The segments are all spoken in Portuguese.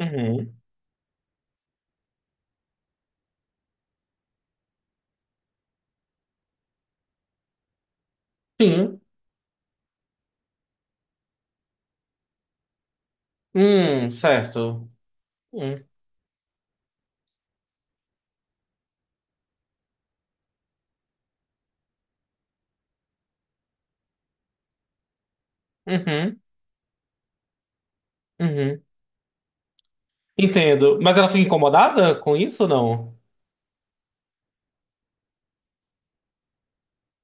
Uhum. Sim. Certo. Hum. Uhum. Uhum. Entendo. Mas ela fica incomodada com isso ou não?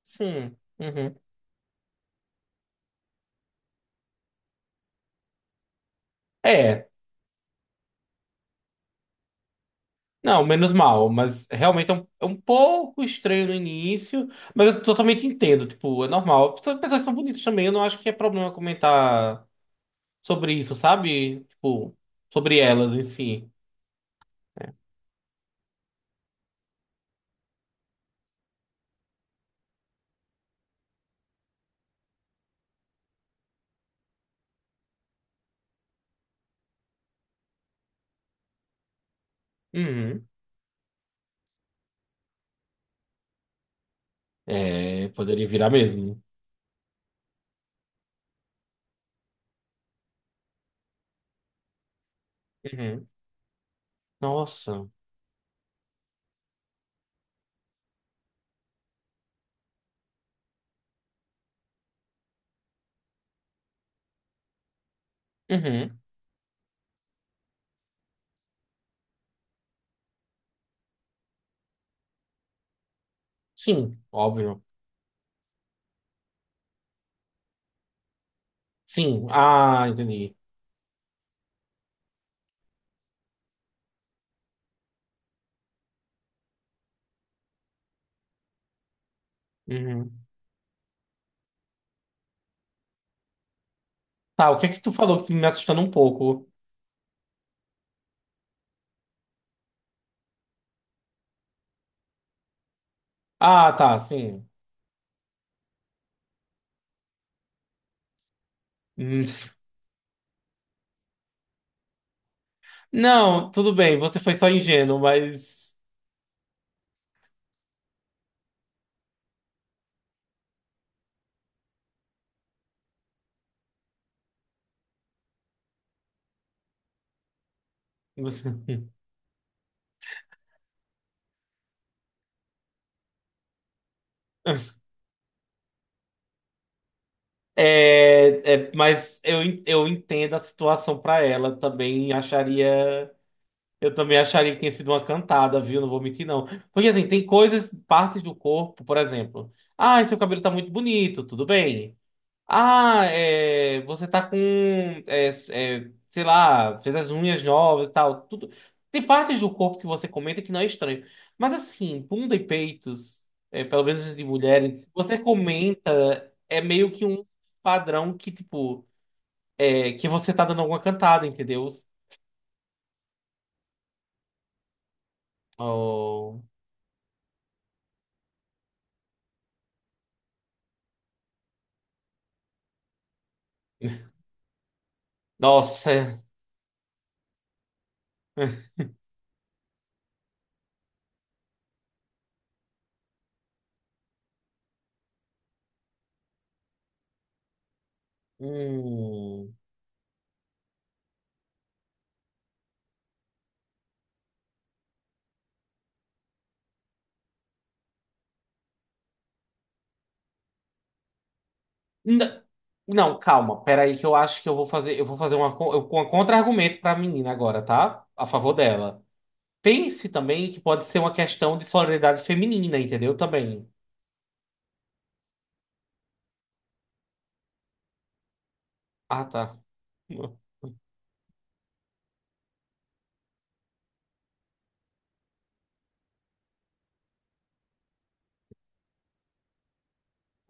Sim. Uhum. É. Não, menos mal, mas realmente é um pouco estranho no início, mas eu totalmente entendo, tipo, é normal. Pessoas são bonitas também, eu não acho que é problema comentar sobre isso, sabe? Tipo, sobre elas em si. Uhum. É, poderia virar mesmo. Uhum. Nossa. Uhum. Sim, óbvio. Sim, ah, entendi. Uhum. Tá, o que é que tu falou que me assustando um pouco? Ah, tá, sim. Hum. Não, tudo bem, você foi só ingênuo, mas. Mas eu entendo a situação pra ela também acharia eu também acharia que tinha sido uma cantada, viu? Não vou mentir, não. Porque assim, tem coisas, partes do corpo, por exemplo. Ah, seu cabelo tá muito bonito, tudo bem. Ah, é, você tá com, sei lá, fez as unhas novas e tal, tudo. Tem partes do corpo que você comenta que não é estranho. Mas assim, bunda e peitos, é, pelo menos de mulheres, se você comenta, é meio que um padrão que, tipo, é, que você tá dando alguma cantada, entendeu? Oh, nossa. Hum. N- Não, calma, peraí que eu acho que eu vou fazer, uma, um contra-argumento pra menina agora, tá? A favor dela. Pense também que pode ser uma questão de solidariedade feminina, entendeu? Também. Ah, tá.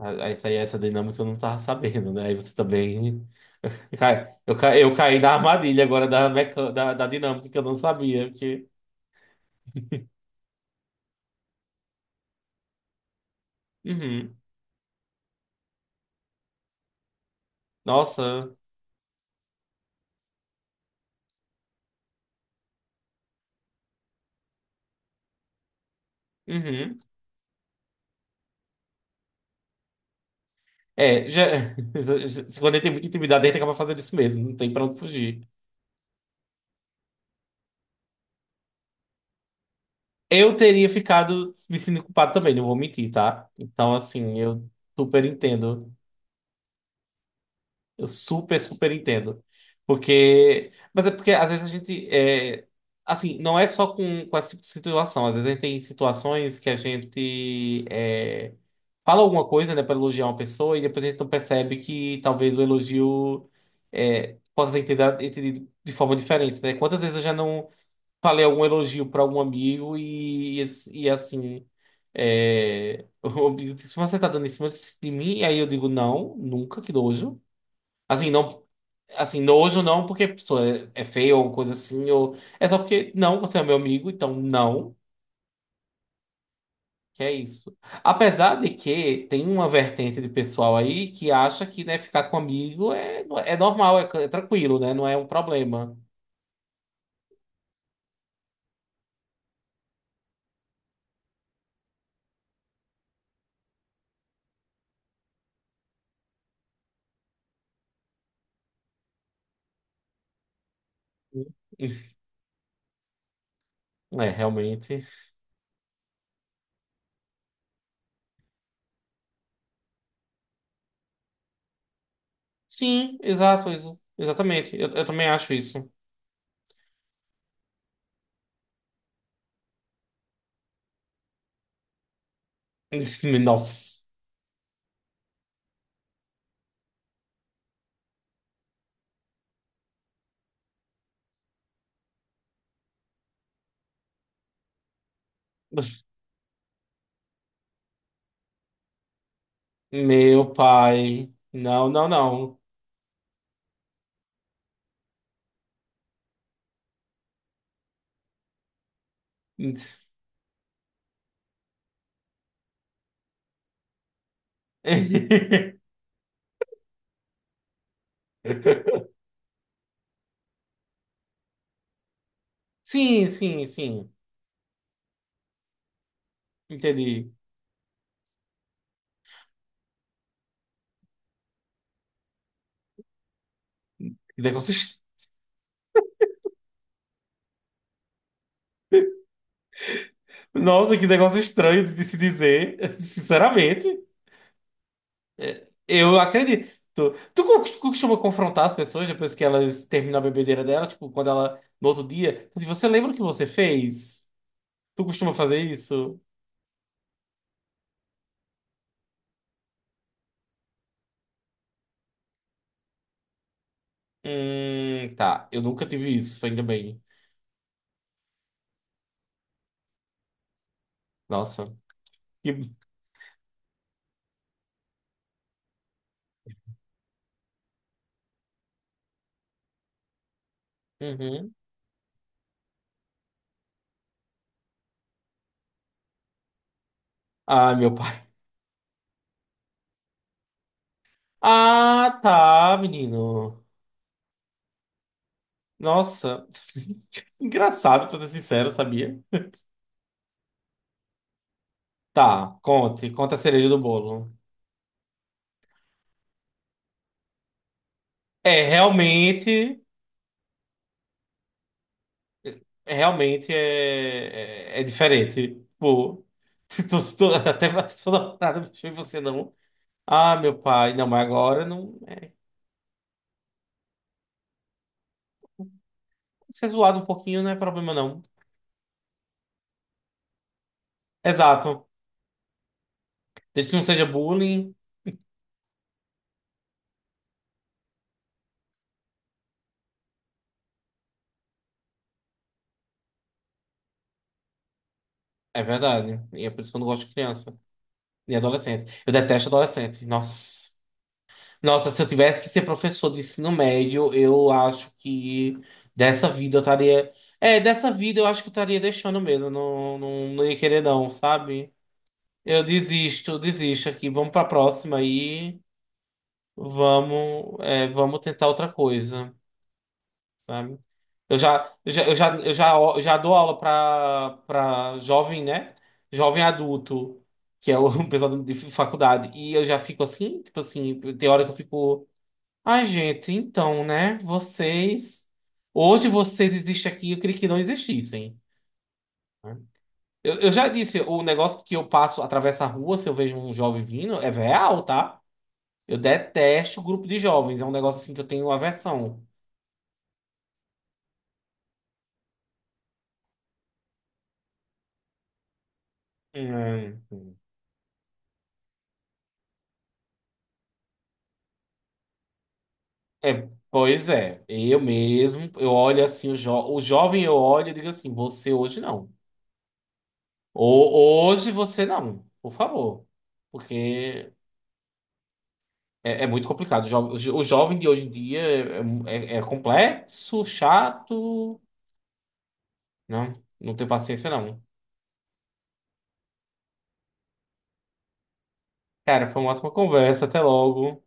Ah, essa aí, essa dinâmica eu não tava sabendo, né? Aí você também. Eu caí na armadilha agora da dinâmica que eu não sabia. Porque. Uhum. Nossa. Uhum. É, já. Quando ele tem muita intimidade, ele acaba fazendo isso mesmo, não tem pra onde fugir. Eu teria ficado me sentindo culpado também, não vou mentir, tá? Então, assim, eu super entendo. Eu super, super entendo. Porque. Mas é porque às vezes a gente. É. Assim, não é só com esse tipo de situação. Às vezes a gente tem situações que a gente fala alguma coisa, né, para elogiar uma pessoa e depois a gente não percebe que talvez o elogio possa ter entendido de forma diferente, né? Quantas vezes eu já não falei algum elogio para algum amigo e, assim. É, o amigo disse, mas você tá dando em cima de mim? E aí eu digo, não, nunca, que nojo. Assim, não. Assim, nojo não porque a pessoa é feia ou coisa assim, ou. É só porque, não, você é meu amigo, então não, que é isso. Apesar de que tem uma vertente de pessoal aí que acha que, né, ficar com amigo é normal, é tranquilo, né, não é um problema. É, realmente. Sim, exato, exatamente. Eu também acho isso. Nossa. Meu pai. Não, não, não. Sim, sim, sim. Entendi. Que negócio est- Nossa, que negócio estranho de se dizer. Sinceramente, eu acredito. Tu costuma confrontar as pessoas depois que elas terminam a bebedeira dela, tipo, quando ela, no outro dia, se você lembra o que você fez? Tu costuma fazer isso? Tá. Eu nunca tive isso, ainda bem. Nossa. Que. Uhum. Ah, meu pai. Ah, tá, menino. Nossa. Engraçado, pra ser sincero, sabia? Tá, conte. Conta a cereja do bolo. É, realmente. Realmente é, diferente. Tipo, se tu, até se tu não nada, bicho, e você não. Ah, meu pai. Não, mas agora não. É, ser zoado um pouquinho não é problema, não. Exato. Desde que não seja bullying. É verdade. E é por isso que eu não gosto de criança. Nem adolescente. Eu detesto adolescente. Nossa. Nossa, se eu tivesse que ser professor de ensino médio, eu acho que dessa vida eu estaria. É, dessa vida eu acho que eu estaria deixando mesmo. Eu Não, não, não ia querer, não, sabe? Eu desisto aqui. Vamos pra próxima aí. Vamos tentar outra coisa, sabe? Eu já dou aula para jovem, né? Jovem adulto, que é o pessoal de faculdade. E eu já fico assim, tipo assim, tem hora que eu fico. Ai, gente, então, né? Vocês. Hoje vocês existem aqui, eu queria que não existissem. Né? Eu já disse, o negócio que eu passo, atravesso a rua, se eu vejo um jovem vindo, é real, tá? Eu detesto o grupo de jovens, é um negócio assim que eu tenho aversão. Hum. É, pois é, eu mesmo, eu olho assim, o jovem eu olho e digo assim, você hoje não. Hoje você não, por favor. Porque é muito complicado. O jovem de hoje em dia é complexo, chato. Não, não tenho paciência, não. Cara, foi uma ótima conversa. Até logo.